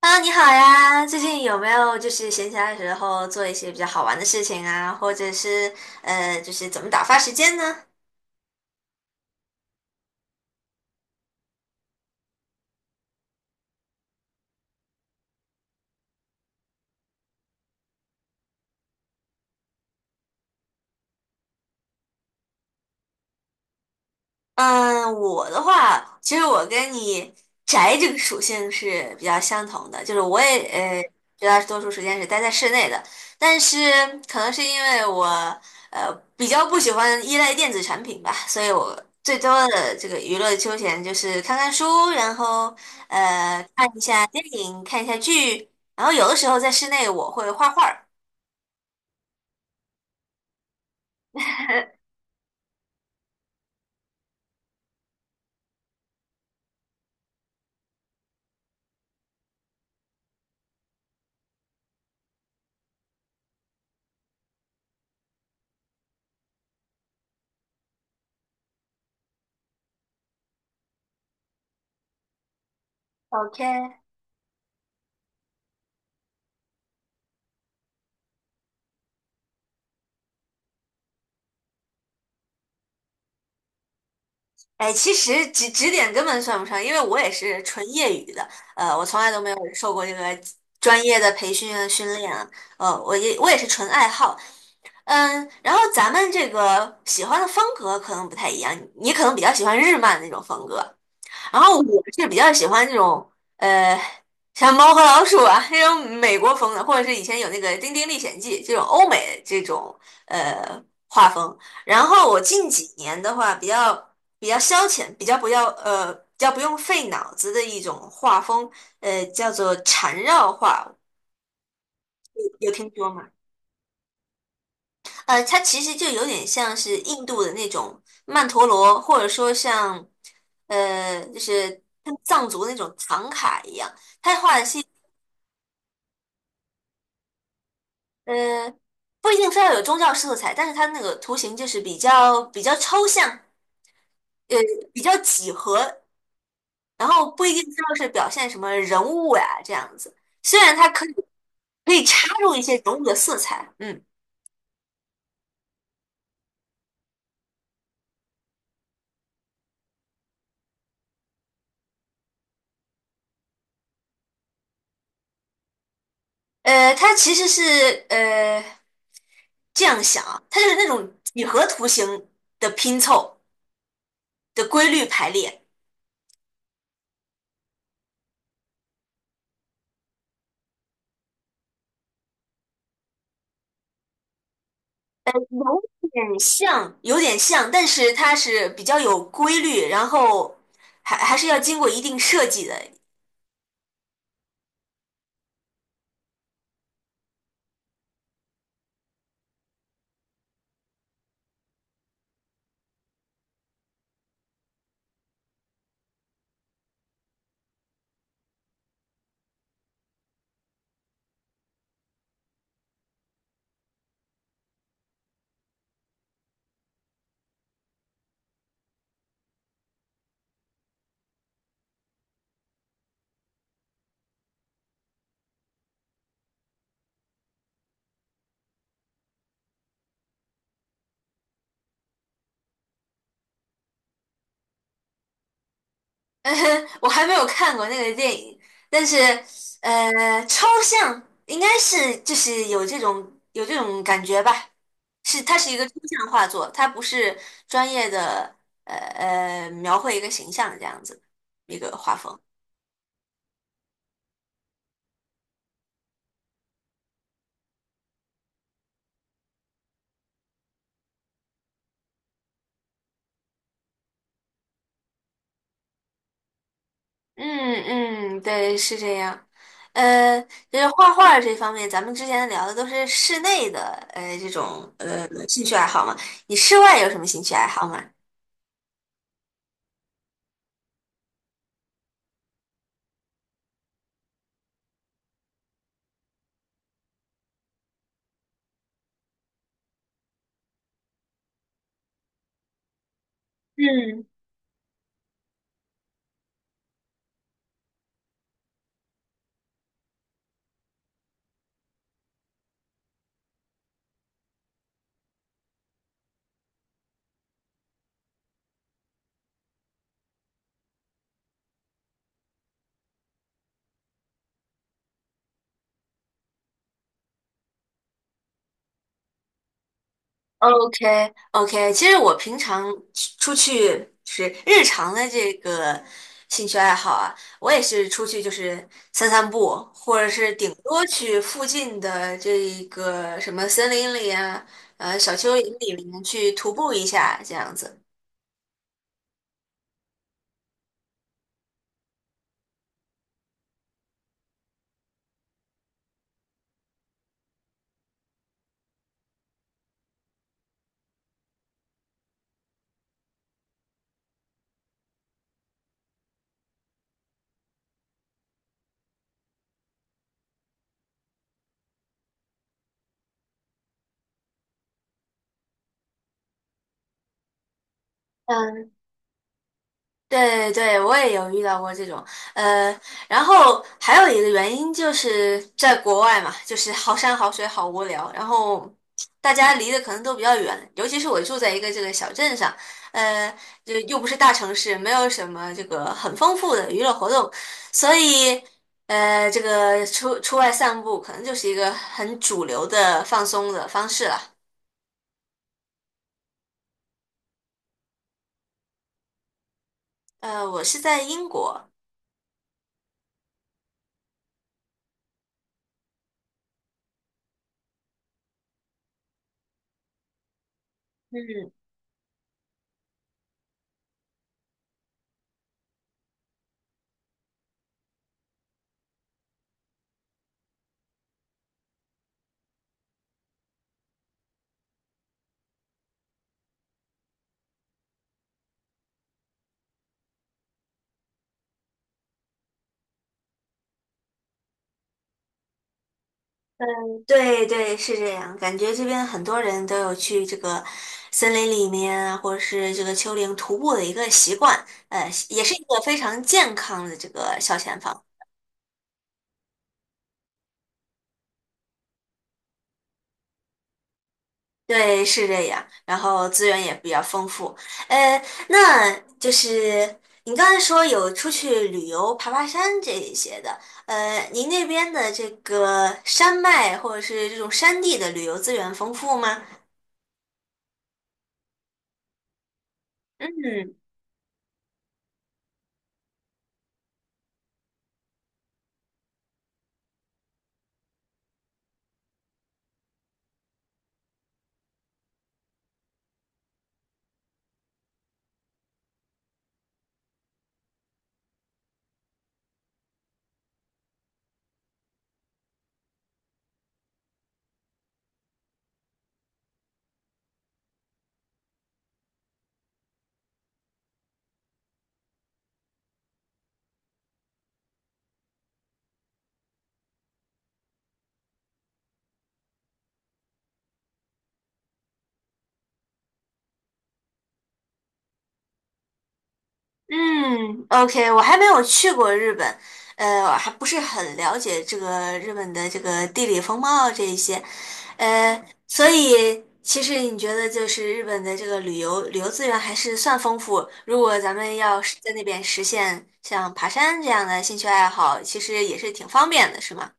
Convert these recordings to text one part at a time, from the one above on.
h e 你好呀！最近有没有闲暇的时候做一些比较好玩的事情啊，或者是就是怎么打发时间呢？嗯，我的话，其实我跟你宅这个属性是比较相同的，就是我也绝大多数时间是待在室内的，但是可能是因为我比较不喜欢依赖电子产品吧，所以我最多的这个娱乐休闲就是看看书，然后看一下电影，看一下剧，然后有的时候在室内我会画画儿。OK。哎，其实指点根本算不上，因为我也是纯业余的。我从来都没有受过这个专业的培训啊、训练啊。我也是纯爱好。嗯，然后咱们这个喜欢的风格可能不太一样，你可能比较喜欢日漫那种风格，然后我是比较喜欢这种呃，像猫和老鼠啊这种美国风的，或者是以前有那个《丁丁历险记》这种欧美这种呃画风。然后我近几年的话，比较消遣，比较不用费脑子的一种画风，叫做缠绕画，有听说吗？呃，它其实就有点像是印度的那种曼陀罗，或者说像就是跟藏族那种唐卡一样，它画的是呃，不一定非要有宗教色彩，但是它那个图形就是比较抽象，呃，比较几何，然后不一定非要是表现什么人物呀、这样子。虽然它可以插入一些人物的色彩。嗯。呃，它其实是呃。这样想啊，它就是那种几何图形的拼凑的规律排列。有点像，有点像，但是它是比较有规律，然后还是要经过一定设计的。我还没有看过那个电影，但是抽象应该是有这种感觉吧，是它是一个抽象画作，它不是专业的描绘一个形象这样子一个画风。嗯嗯，对，是这样。呃，就是画画这方面，咱们之前聊的都是室内的，这种兴趣爱好嘛。你室外有什么兴趣爱好吗？嗯，OK OK，其实我平常出去就是日常的这个兴趣爱好啊，我也是出去就是散散步，或者是顶多去附近的这个什么森林里啊，小丘陵里面去徒步一下这样子。嗯。对对，我也有遇到过这种。呃，然后还有一个原因就是在国外嘛，就是好山好水好无聊，然后大家离得可能都比较远，尤其是我住在一个这个小镇上，呃，就又不是大城市，没有什么这个很丰富的娱乐活动，所以这个出外散步可能就是一个很主流的放松的方式了。呃，我是在英国。嗯。嗯，对对，是这样。感觉这边很多人都有去这个森林里面啊或者是这个丘陵徒步的一个习惯，也是一个非常健康的这个消遣方。对，是这样。然后资源也比较丰富。呃，那就是你刚才说有出去旅游、爬山这一些的，您那边的这个山脉或者是这种山地的旅游资源丰富吗？嗯。嗯，OK，我还没有去过日本，我还不是很了解这个日本的这个地理风貌这一些，所以其实你觉得就是日本的这个旅游资源还是算丰富，如果咱们要是在那边实现像爬山这样的兴趣爱好，其实也是挺方便的，是吗？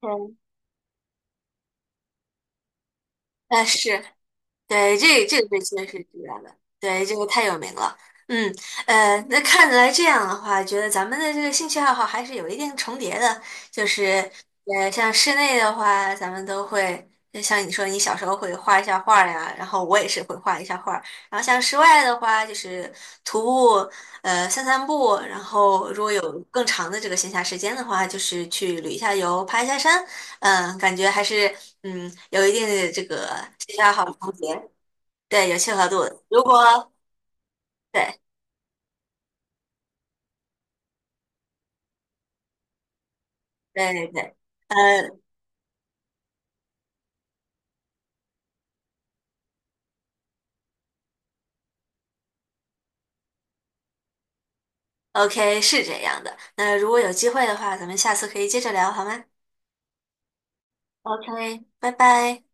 嗯，是，对，这这个被确实知道的，对，这个太有名了。嗯，那看来这样的话，觉得咱们的这个兴趣爱好还是有一定重叠的。就是，像室内的话，咱们都会，就像你说，你小时候会画一下画儿呀，然后我也是会画一下画儿。然后像室外的话，就是徒步，散散步。然后如果有更长的这个闲暇时间的话，就是去旅一下游，爬一下山。嗯，感觉还是嗯，有一定的这个协调好同学对，有契合度的。如果对对对对，嗯，OK，是这样的。那如果有机会的话，咱们下次可以接着聊，好吗？OK，拜拜。